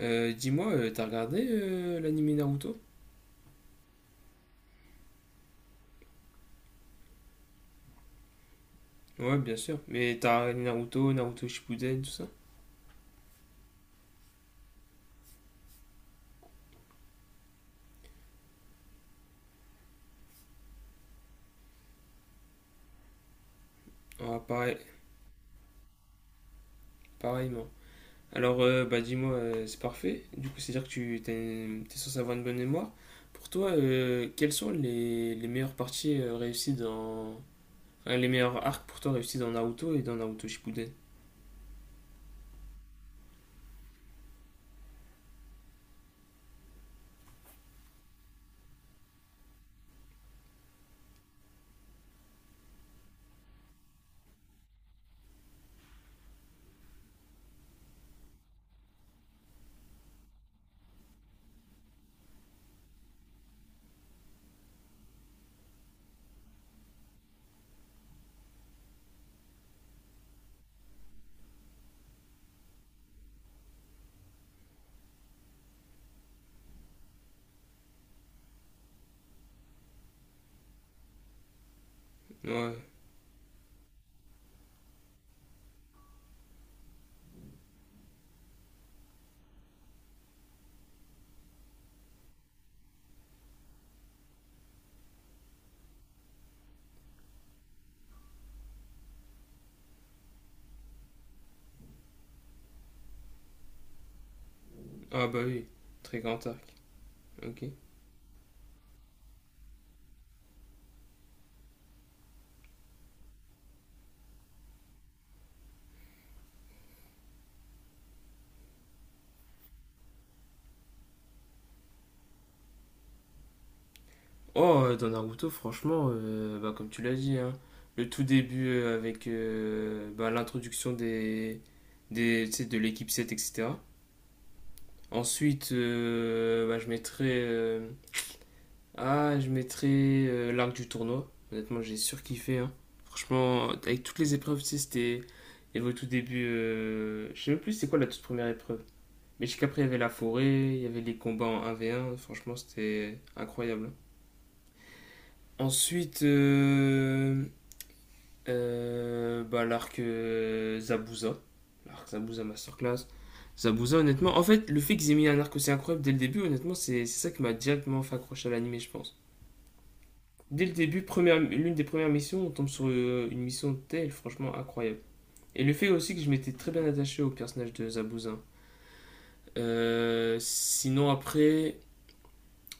T'as regardé l'animé Naruto? Ouais, bien sûr. Mais t'as regardé Naruto, Naruto Shippuden, tout ça? Ah, pareil, pareillement. Alors, bah dis-moi, c'est parfait. Du coup, c'est-à-dire que t'es censé avoir une bonne mémoire. Pour toi, quelles sont les meilleures parties réussies dans... enfin, les meilleurs arcs pour toi réussis dans Naruto et dans Naruto Shippuden? Ouais. Ah bah oui, très grand arc. Ok. Oh, dans Naruto, franchement, bah, comme tu l'as dit, hein, le tout début avec bah, l'introduction tu sais, de l'équipe 7, etc. Ensuite, bah, je mettrais l'arc du tournoi. Honnêtement, j'ai surkiffé, hein. Franchement, avec toutes les épreuves, tu sais, c'était. Il y avait au tout début, je sais même plus c'est quoi la toute première épreuve. Mais jusqu'après, il y avait la forêt, il y avait les combats en un v un. Franchement, c'était incroyable, hein. Ensuite, bah, l'arc Zabuza. L'arc Zabuza Masterclass. Zabuza, honnêtement, en fait, le fait qu'ils aient mis un arc aussi incroyable dès le début, honnêtement, c'est ça qui m'a directement fait accrocher à l'animé, je pense. Dès le début, première, l'une des premières missions, on tombe sur une mission de telle, franchement incroyable. Et le fait aussi que je m'étais très bien attaché au personnage de Zabuza. Sinon, après,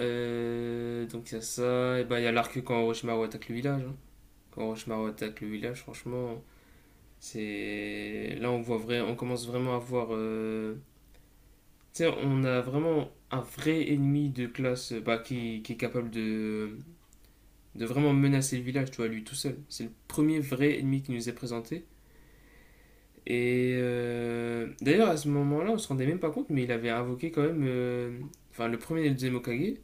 donc il y a ça, et bah, il y a l'arc quand Orochimaru attaque le village, hein. Quand Orochimaru attaque le village, franchement, c'est là on voit vrai, on commence vraiment à voir. Tu sais, on a vraiment un vrai ennemi de classe bah, qui est capable de vraiment menacer le village, tu vois, lui tout seul. C'est le premier vrai ennemi qui nous est présenté. Et d'ailleurs à ce moment-là, on se rendait même pas compte, mais il avait invoqué quand même, enfin le premier et le deuxième Hokage.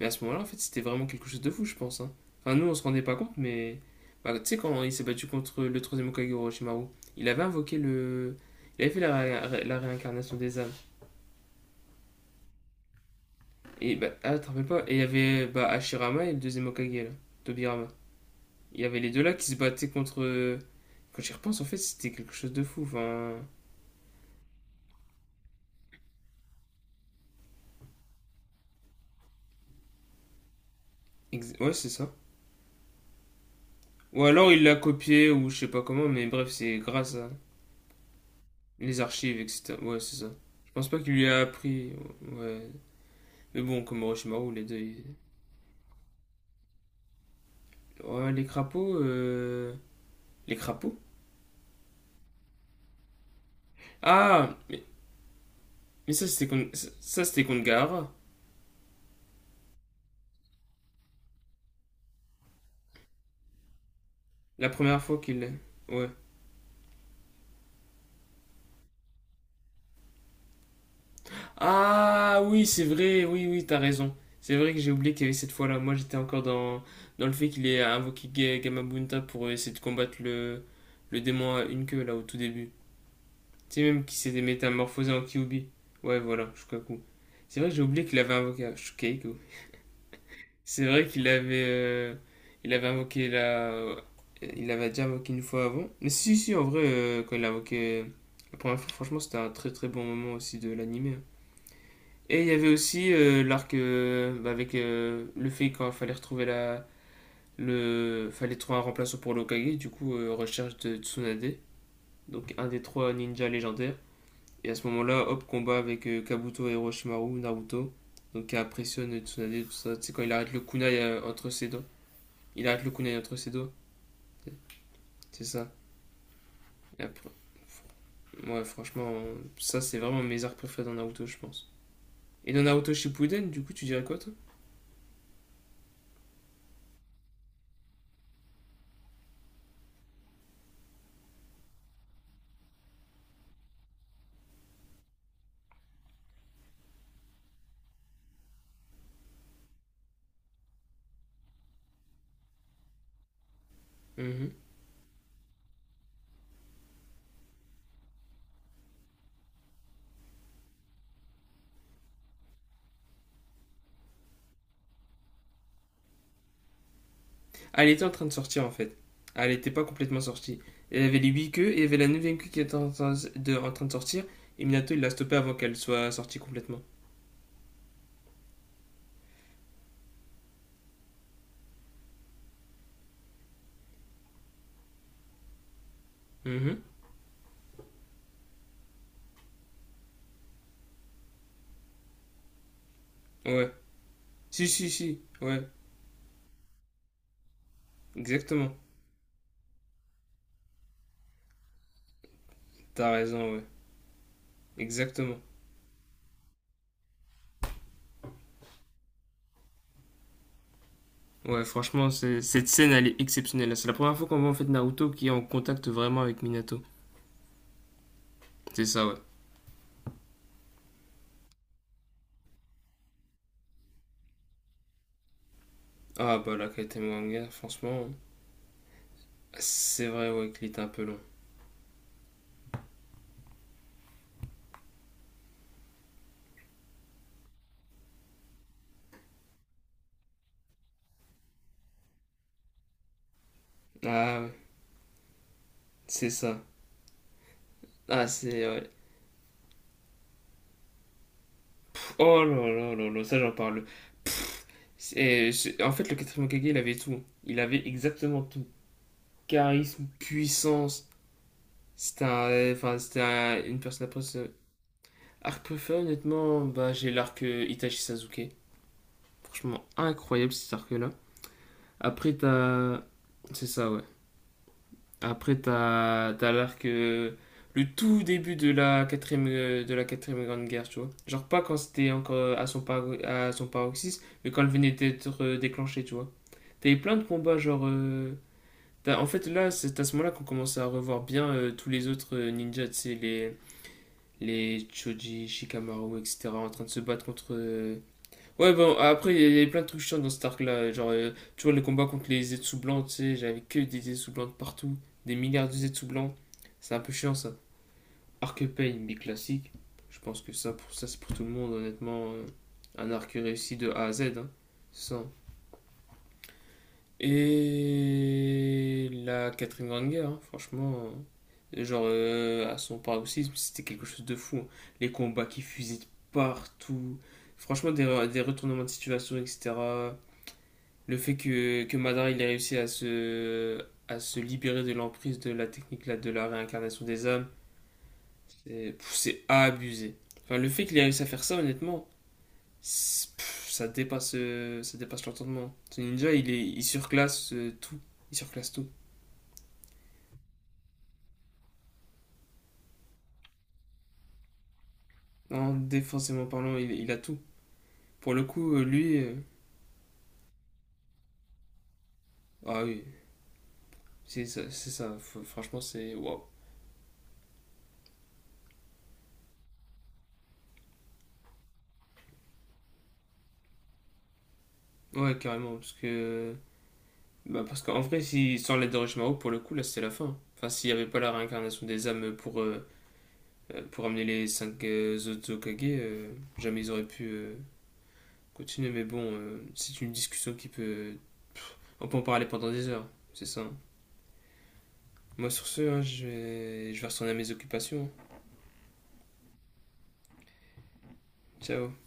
Mais à ce moment-là, en fait, c'était vraiment quelque chose de fou, je pense, hein. Enfin, nous, on se rendait pas compte, mais. Bah, tu sais, quand il s'est battu contre le troisième Hokage Orochimaru, il avait invoqué le. Il avait fait la réincarnation des âmes. Et bah, ah, te rappelles pas Et il y avait bah, Hashirama et le deuxième Hokage, là, Tobirama. Il y avait les deux là qui se battaient contre. Quand j'y repense, en fait, c'était quelque chose de fou. Enfin. Ouais, c'est ça. Ou alors il l'a copié, ou je sais pas comment, mais bref, c'est grâce à les archives, etc. Ouais, c'est ça. Je pense pas qu'il lui a appris. Ouais, mais bon, comme Orochimaru, les deux. Ils- Ouais, les crapauds. Les crapauds Ah mais ça, c'était contre Gaara. La première fois qu'il. Ouais. Ah oui, c'est vrai, oui, oui, t'as raison. C'est vrai que j'ai oublié qu'il y avait cette fois-là. Moi, j'étais encore dans, dans le fait qu'il ait invoqué Gamabunta pour essayer de combattre le démon à une queue, là, au tout début. Tu sais, même qu'il s'était métamorphosé en Kyubi. Ouais, voilà, Shukaku. C'est vrai que j'ai oublié qu'il avait invoqué Shukaku. C'est vrai qu'il avait, il avait invoqué la. Il l'avait déjà invoqué une fois avant. Mais si, si, en vrai, quand il l'a invoqué la première fois, franchement, c'était un très très bon moment aussi de l'animé, hein. Et il y avait aussi l'arc bah, avec le fait qu'il fallait retrouver la. Le... Fallait trouver un remplaçant pour l'Okage, du coup, recherche de Tsunade, donc un des trois ninjas légendaires. Et à ce moment-là, hop, combat avec Kabuto et Orochimaru, Naruto. Donc qui impressionne Tsunade, tout ça. Tu sais, quand il arrête le kunai entre ses dents. Il arrête le kunai entre ses doigts. C'est ça. Et après- ouais, franchement, ça c'est vraiment mes arcs préférés dans Naruto, je pense. Et dans Naruto Shippuden, du coup, tu dirais quoi, toi? Mhm. Ah, elle était en train de sortir en fait. Ah, elle était pas complètement sortie. Elle avait les 8 queues et il y avait la neuvième queue qui était en train en train de sortir. Et Minato il l'a stoppée avant qu'elle soit sortie complètement. Mhm. Ouais. Si, si, si. Ouais, exactement. T'as raison, ouais. Exactement. Ouais, franchement, c'est- cette scène elle est exceptionnelle. C'est la première fois qu'on voit en fait Naruto qui est en contact vraiment avec Minato. C'est ça, ouais. Ah bah la quête Mwanga, franchement, c'est vrai ouais qu'il était un peu long. Ah ouais, c'est ça. Ah c'est ouais. Oh là là là là, ça j'en parle. Et c'est- en fait le quatrième Hokage il avait tout. Il avait exactement tout. Charisme, puissance. C'était un, enfin c'était un- une personne après. Ce- arc préféré honnêtement, bah j'ai l'arc Itachi Sasuke. Franchement incroyable cet arc là. Après t'as, c'est ça ouais. Après, t'as l'arc, le tout début de la quatrième grande guerre, tu vois. Genre pas quand c'était encore à son, à son paroxysme, mais quand elle venait d'être déclenchée, tu vois. T'avais plein de combats, genre... t'as- en fait, là, c'est à ce moment-là qu'on commence à revoir bien tous les autres ninjas, tu sais, les Choji, Shikamaru, etc., en train de se battre contre... ouais, bon, après, il y a- il y avait plein de trucs chiants dans cet arc-là. Genre, tu vois, le combat contre les Zetsu blancs, tu sais, j'avais que des Zetsu blancs partout, des milliards de Zetsu blancs. C'est un peu chiant, ça. Arc Pain, mais classique. Je pense que ça, pour ça, c'est pour tout le monde, honnêtement. Un arc réussi de A à Z, hein. C'est ça. Et la quatrième grande guerre, hein, franchement. Genre, à son paroxysme, c'était quelque chose de fou, hein. Les combats qui fusaient de partout. Franchement, des retournements de situation, etc. Le fait que Madara il a réussi à se libérer de l'emprise de la technique là, de la réincarnation des âmes, c'est pff, c'est abusé. Enfin, le fait qu'il ait réussi à faire ça, honnêtement, pff, ça dépasse l'entendement. Ce ninja, il surclasse tout. Il surclasse tout. Non, défensivement parlant, il a tout. Pour le coup, lui, ah oui, c'est ça. C'est ça. F- franchement, c'est waouh. Ouais, carrément, parce que bah parce qu'en vrai, si, sans l'aide d'Orochimaru, pour le coup, là, c'était la fin. Enfin, s'il n'y avait pas la réincarnation des âmes pour amener les 5 autres Hokage, jamais ils auraient pu continuer. Mais bon, c'est une discussion qui peut... On peut en parler pendant des heures, c'est ça, hein. Moi, sur ce, hein, je vais retourner à mes occupations. Ciao.